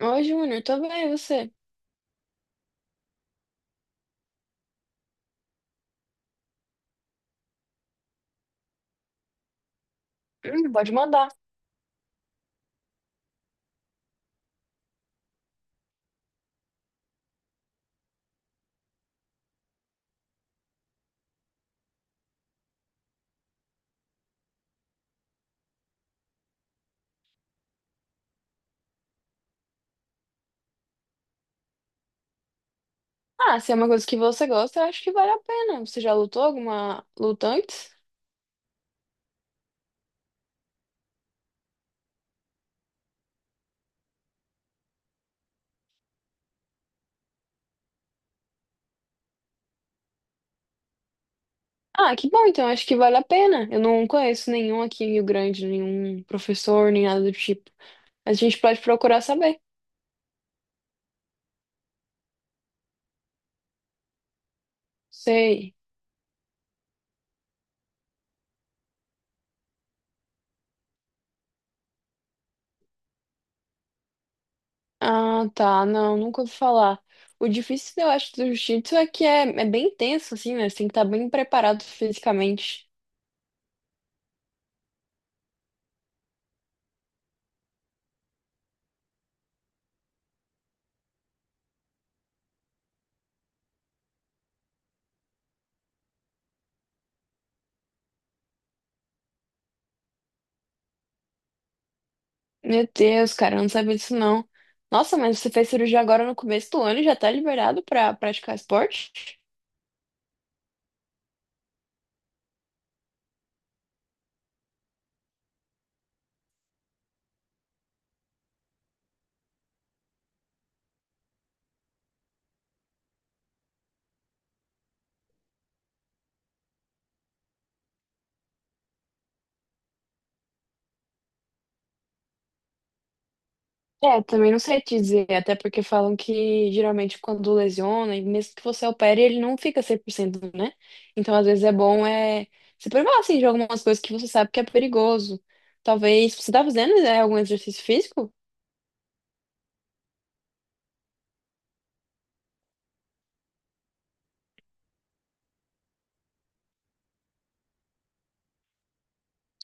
Oi, Júnior, tô bem, e você? Pode mandar. Ah, se é uma coisa que você gosta, eu acho que vale a pena. Você já lutou alguma luta antes? Ah, que bom, então acho que vale a pena. Eu não conheço nenhum aqui em Rio Grande, nenhum professor, nem nada do tipo. Mas a gente pode procurar saber. Sei. Ah, tá, não, nunca ouvi falar. O difícil, eu acho, do jiu-jitsu é que é bem tenso, assim, né? Você tem que estar bem preparado fisicamente. Meu Deus, cara, eu não sabia disso não. Nossa, mas você fez cirurgia agora no começo do ano e já tá liberado pra praticar esporte? É, também não sei te dizer, até porque falam que geralmente quando lesiona, e mesmo que você opere, ele não fica 100%, né? Então, às vezes é bom se privar assim de algumas coisas que você sabe que é perigoso. Talvez você tá fazendo, né, algum exercício físico?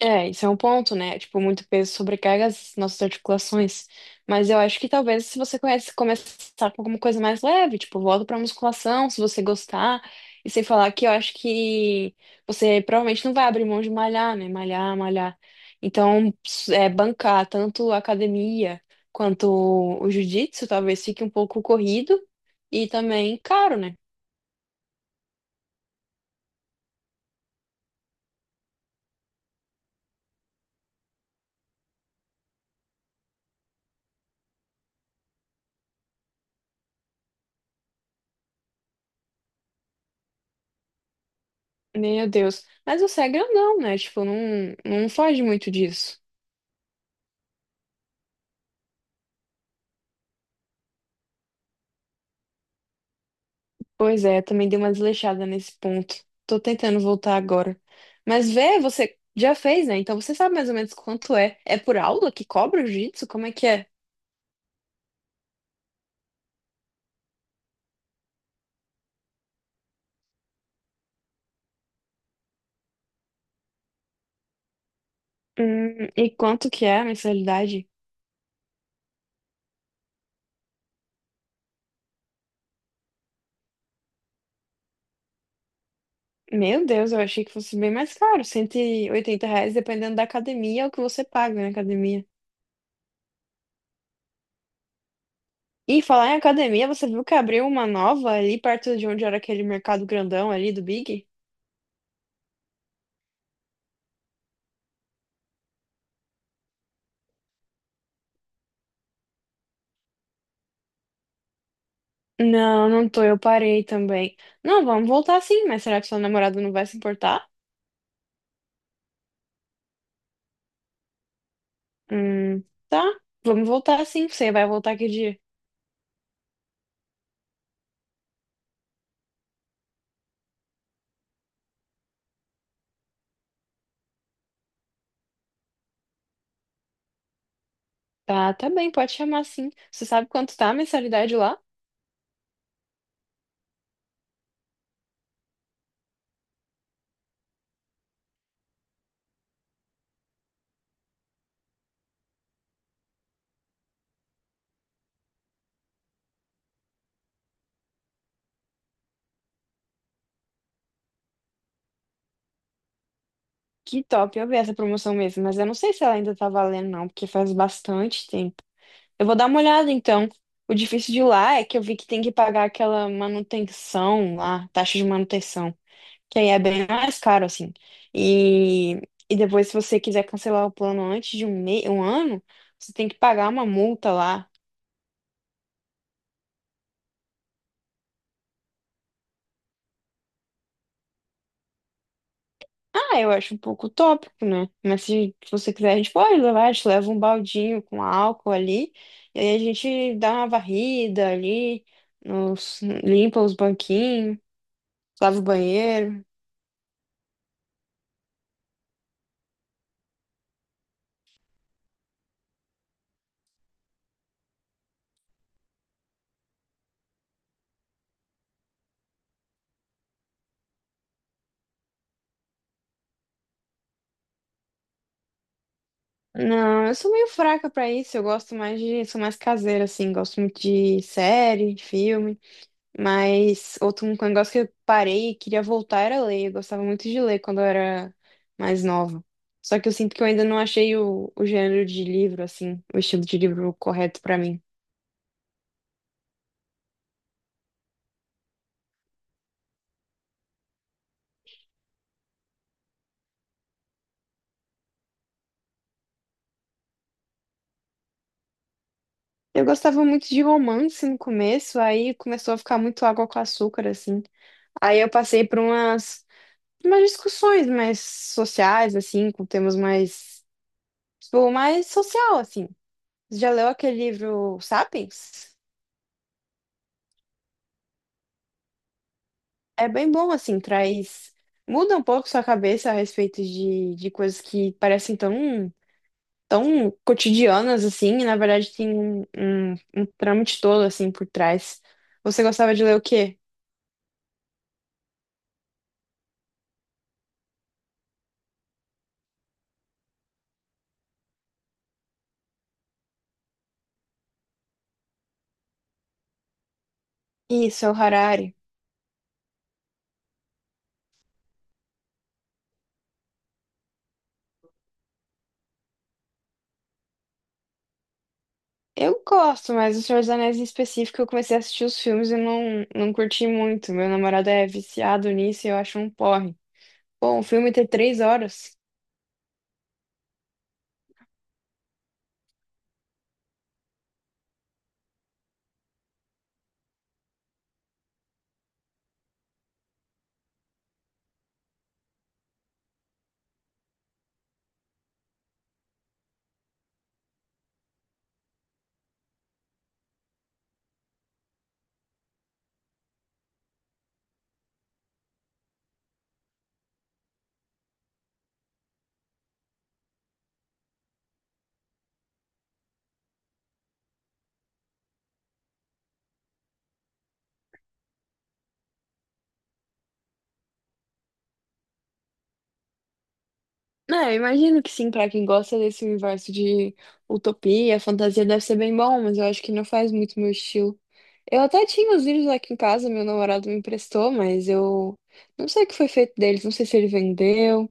É, isso é um ponto, né? Tipo, muito peso sobrecarga as nossas articulações. Mas eu acho que talvez se você conhece, começar com alguma coisa mais leve, tipo, volta pra musculação, se você gostar. E sem falar que eu acho que você provavelmente não vai abrir mão de malhar, né? Malhar, malhar. Então, bancar tanto a academia quanto o jiu-jitsu talvez fique um pouco corrido e também caro, né? Meu Deus. Mas você é grandão, né? Tipo, não, não foge muito disso. Pois é, também dei uma desleixada nesse ponto. Tô tentando voltar agora. Mas vê, você já fez, né? Então você sabe mais ou menos quanto é. É por aula que cobra o jiu-jitsu? Como é que é? E quanto que é a mensalidade? Meu Deus, eu achei que fosse bem mais caro. 180 reais, dependendo da academia, é o que você paga na academia. E falar em academia, você viu que abriu uma nova ali perto de onde era aquele mercado grandão ali do Big? Não, não tô, eu parei também. Não, vamos voltar sim, mas será que seu namorado não vai se importar? Hum, tá. Vamos voltar sim. Você vai voltar que dia? Tá, tá bem, pode chamar sim. Você sabe quanto tá a mensalidade lá? Que top, eu vi essa promoção mesmo, mas eu não sei se ela ainda tá valendo, não, porque faz bastante tempo. Eu vou dar uma olhada então. O difícil de lá é que eu vi que tem que pagar aquela manutenção lá, taxa de manutenção, que aí é bem mais caro, assim. E, e depois, se você quiser cancelar o plano antes de um, um ano, você tem que pagar uma multa lá. Ah, eu acho um pouco utópico, né? Mas se você quiser, a gente pode levar, a gente leva um baldinho com álcool ali, e aí a gente dá uma varrida ali, limpa os banquinhos, lava o banheiro. Não, eu sou meio fraca pra isso, eu gosto mais de, sou mais caseira, assim, gosto muito de série, de filme. Mas outro um negócio que eu parei e queria voltar era ler. Eu gostava muito de ler quando eu era mais nova. Só que eu sinto que eu ainda não achei o gênero de livro, assim, o estilo de livro correto pra mim. Eu gostava muito de romance no começo, aí começou a ficar muito água com açúcar, assim. Aí eu passei por umas discussões mais sociais, assim, com temas mais, tipo, mais social, assim. Já leu aquele livro Sapiens? É bem bom, assim, traz. Muda um pouco sua cabeça a respeito de coisas que parecem tão, tão cotidianas, assim, e na verdade tem um trâmite todo, assim, por trás. Você gostava de ler o quê? Isso, é o Harari. Eu gosto, mas O Senhor dos Anéis em específico, eu comecei a assistir os filmes e não, não curti muito. Meu namorado é viciado nisso e eu acho um porre. Bom, o filme tem 3 horas. É, eu imagino que sim, pra quem gosta desse universo de utopia, fantasia, deve ser bem bom, mas eu acho que não faz muito meu estilo. Eu até tinha os livros aqui em casa, meu namorado me emprestou, mas eu não sei o que foi feito deles, não sei se ele vendeu.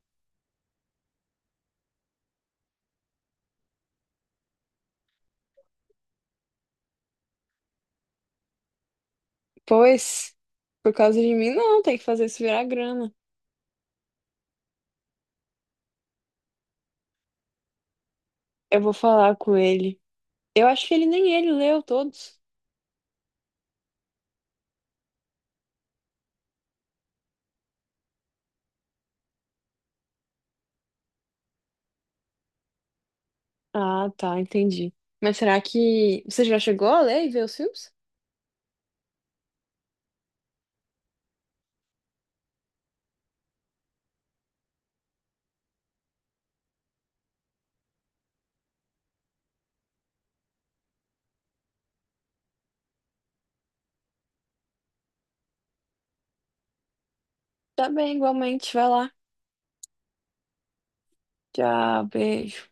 Pois, por causa de mim, não, tem que fazer isso virar grana. Eu vou falar com ele. Eu acho que ele nem ele leu todos. Ah, tá, entendi. Mas será que você já chegou a ler e ver os filmes? Tá bem, igualmente, vai lá. Tchau, beijo.